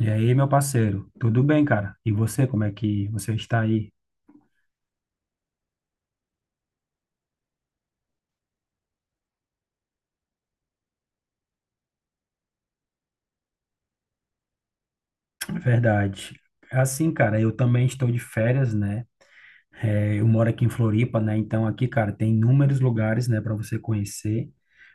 E aí, meu parceiro, tudo bem, cara? E você, como é que você está aí? Verdade. Assim, cara, eu também estou de férias, né? É, eu moro aqui em Floripa, né? Então aqui, cara, tem inúmeros lugares, né, para você conhecer,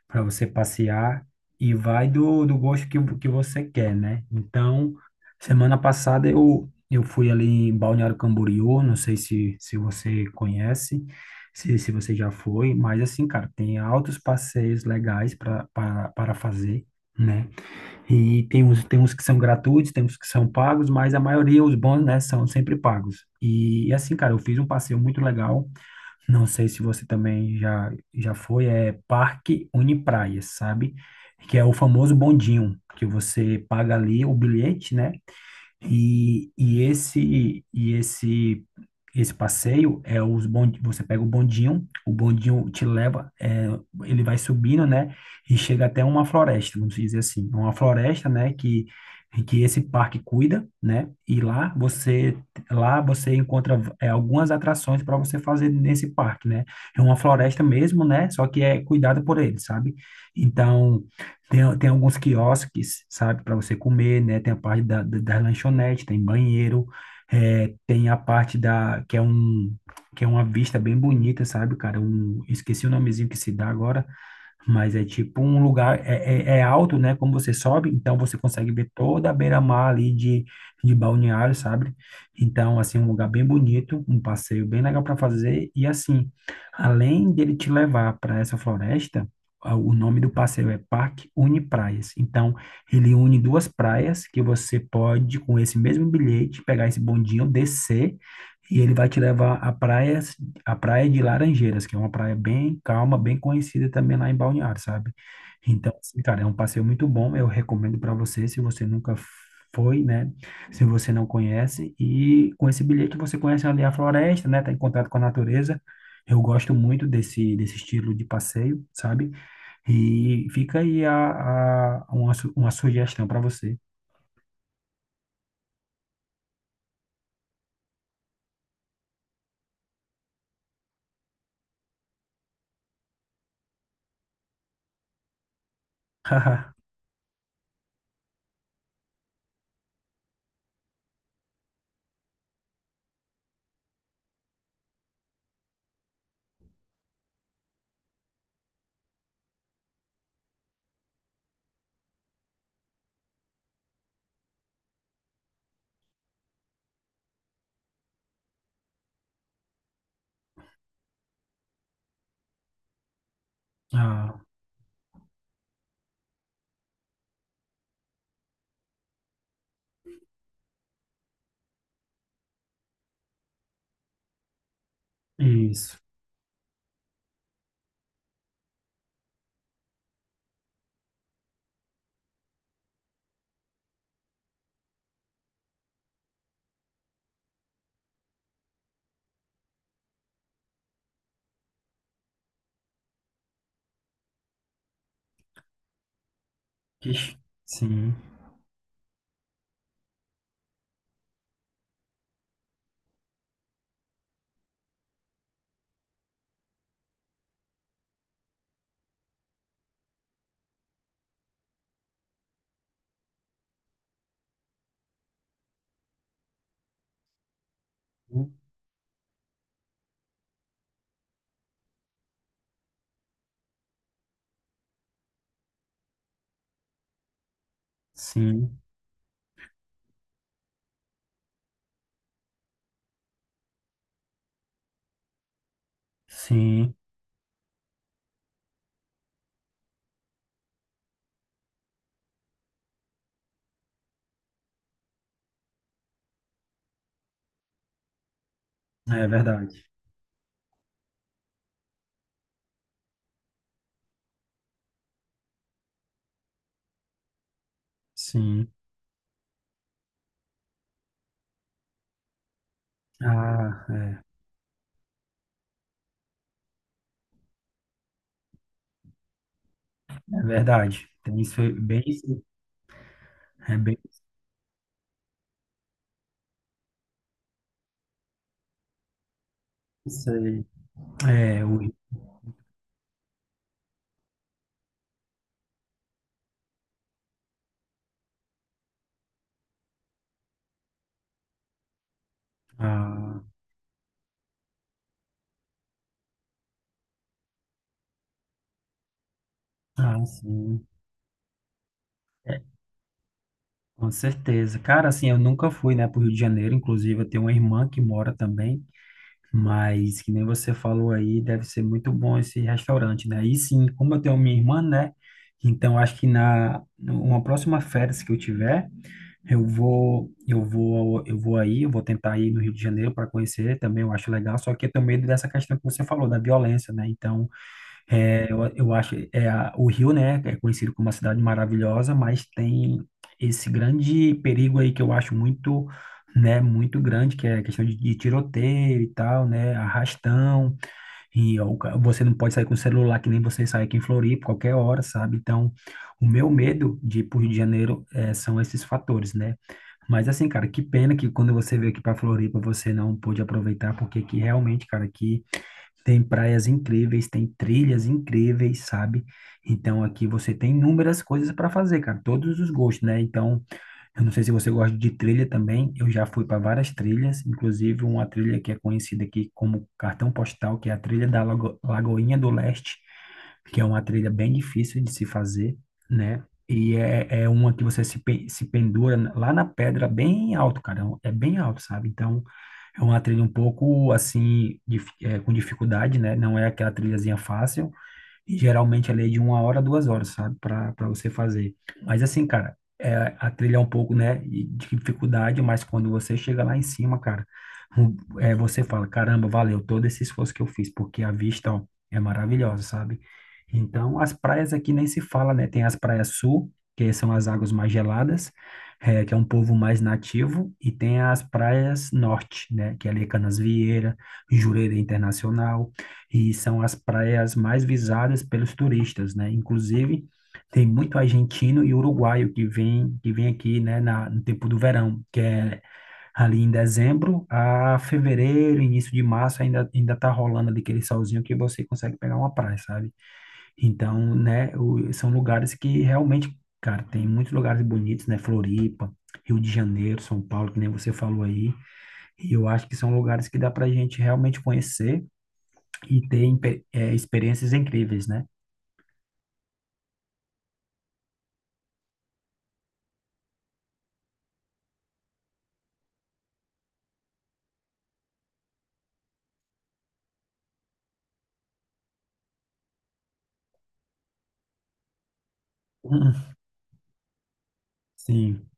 para você passear e vai do gosto que você quer, né? Então, semana passada eu fui ali em Balneário Camboriú, não sei se você conhece, se você já foi, mas assim, cara, tem altos passeios legais para fazer, né? E tem uns que são gratuitos, tem uns que são pagos, mas a maioria, os bons, né, são sempre pagos. E assim, cara, eu fiz um passeio muito legal. Não sei se você também já, já foi, Parque Unipraias, sabe? Que é o famoso bondinho, que você paga ali o bilhete, né? E esse esse passeio você pega o bondinho te leva, ele vai subindo, né? E chega até uma floresta, vamos dizer assim, uma floresta, né? Que esse parque cuida, né? E lá você encontra algumas atrações para você fazer nesse parque, né? É uma floresta mesmo, né? Só que é cuidada por ele, sabe? Então tem, tem alguns quiosques, sabe, para você comer, né? Tem a parte da lanchonete, tem banheiro, tem a parte da que é uma vista bem bonita, sabe, cara? Um, esqueci o nomezinho que se dá agora, mas é tipo um lugar, é alto, né? Como você sobe, então você consegue ver toda a beira-mar ali de Balneário, sabe? Então, assim, um lugar bem bonito, um passeio bem legal para fazer. E assim, além dele te levar para essa floresta, o nome do passeio é Parque Une Praias. Então, ele une duas praias que você pode, com esse mesmo bilhete, pegar esse bondinho, descer, e ele vai te levar a praia de Laranjeiras, que é uma praia bem calma, bem conhecida também lá em Balneário, sabe? Então, assim, cara, é um passeio muito bom, eu recomendo para você, se você nunca foi, né? Se você não conhece, e com esse bilhete você conhece ali a floresta, né? Tá em contato com a natureza. Eu gosto muito desse estilo de passeio, sabe? E fica aí uma sugestão para você. Ah, isso. Ixi, sim, sim, sim, é verdade. Sim. Ah, é, é verdade. Tem isso aí, é bem isso aí. É, o, ah, ah, sim. É, com certeza. Cara, assim, eu nunca fui, né, pro Rio de Janeiro. Inclusive, eu tenho uma irmã que mora também. Mas, que nem você falou aí, deve ser muito bom esse restaurante, né? E sim, como eu tenho minha irmã, né? Então, acho que na uma próxima férias que eu tiver. Eu vou, ao- eu vou aí, eu vou tentar ir no Rio de Janeiro para conhecer também, eu acho legal, só que eu tenho medo dessa questão que você falou, da violência, né? Então, eu acho, o Rio, né, é conhecido como uma cidade maravilhosa, mas tem esse grande perigo aí que eu acho muito, né, muito grande, que é a questão de tiroteio e tal, né, arrastão, você não pode sair com o celular que nem você sai aqui em Floripa, qualquer hora, sabe? Então, o meu medo de ir para o Rio de Janeiro são esses fatores, né? Mas assim, cara, que pena que quando você veio aqui para Floripa você não pôde aproveitar, porque aqui realmente, cara, aqui tem praias incríveis, tem trilhas incríveis, sabe? Então aqui você tem inúmeras coisas para fazer, cara, todos os gostos, né? Então eu não sei se você gosta de trilha também. Eu já fui para várias trilhas, inclusive uma trilha que é conhecida aqui como Cartão Postal, que é a trilha da Lagoinha do Leste, que é uma trilha bem difícil de se fazer, né? É uma que você se pendura lá na pedra, bem alto, cara. É bem alto, sabe? Então, é uma trilha um pouco assim, com dificuldade, né? Não é aquela trilhazinha fácil. E geralmente ali é de uma hora, duas horas, sabe? Para você fazer. Mas assim, cara, a trilha é um pouco, né, de dificuldade, mas quando você chega lá em cima, cara, você fala, caramba, valeu todo esse esforço que eu fiz, porque a vista, ó, é maravilhosa, sabe? Então, as praias aqui nem se fala, né? Tem as praias sul, que são as águas mais geladas, que é um povo mais nativo, e tem as praias norte, né? Que é ali é Canasvieira, Jurerê Internacional, e são as praias mais visadas pelos turistas, né? Inclusive, tem muito argentino e uruguaio que vem aqui, no tempo do verão, que é ali em dezembro a fevereiro, início de março, ainda, ainda tá rolando ali aquele solzinho que você consegue pegar uma praia, sabe? Então, são lugares que realmente, cara, tem muitos lugares bonitos, né? Floripa, Rio de Janeiro, São Paulo, que nem você falou aí, e eu acho que são lugares que dá pra gente realmente conhecer, e ter experiências incríveis, né? Hum, sim,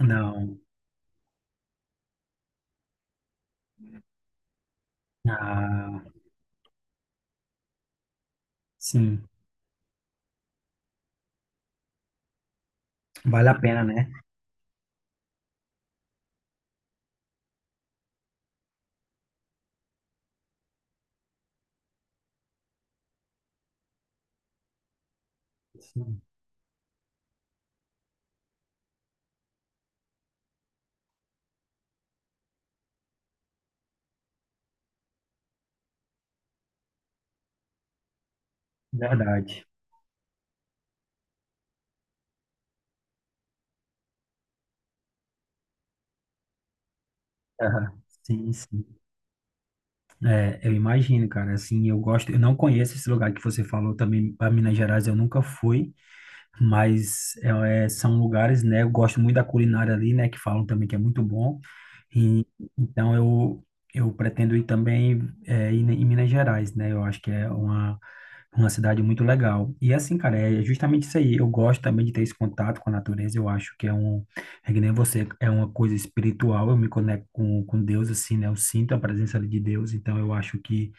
não. Ah, sim, vale a pena, né? Sim, verdade. Aham, sim, sim. É, eu imagino, cara. Assim, eu gosto. Eu não conheço esse lugar que você falou também, para Minas Gerais, eu nunca fui. Mas são lugares, né? Eu gosto muito da culinária ali, né? Que falam também que é muito bom. E, então eu pretendo ir também em Minas Gerais, né? Eu acho que é uma cidade muito legal. E assim, cara, é justamente isso aí. Eu gosto também de ter esse contato com a natureza. Eu acho que é que nem você, é uma coisa espiritual. Eu me conecto com Deus, assim, né? Eu sinto a presença ali de Deus. Então, eu acho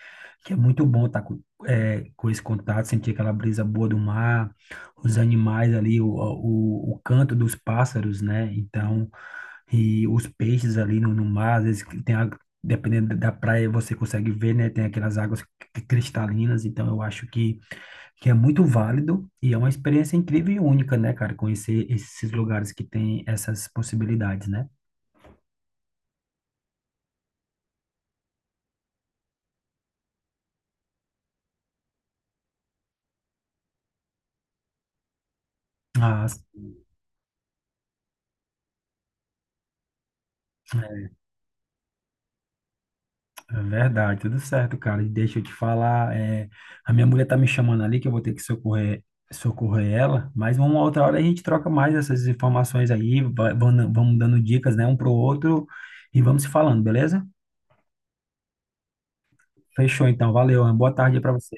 que é muito bom estar com esse contato, sentir aquela brisa boa do mar, os animais ali, o canto dos pássaros, né? Então, e os peixes ali no mar, às vezes que tem, dependendo da praia, você consegue ver, né? Tem aquelas águas cristalinas, então eu acho que é muito válido e é uma experiência incrível e única, né, cara? Conhecer esses lugares que tem essas possibilidades, né? Ah. É verdade, tudo certo, cara. E deixa eu te falar, a minha mulher tá me chamando ali que eu vou ter que socorrer, socorrer ela, mas uma outra hora a gente troca mais essas informações aí, vamos dando dicas, né, um pro outro e vamos se falando, beleza? Fechou então, valeu, uma boa tarde para você.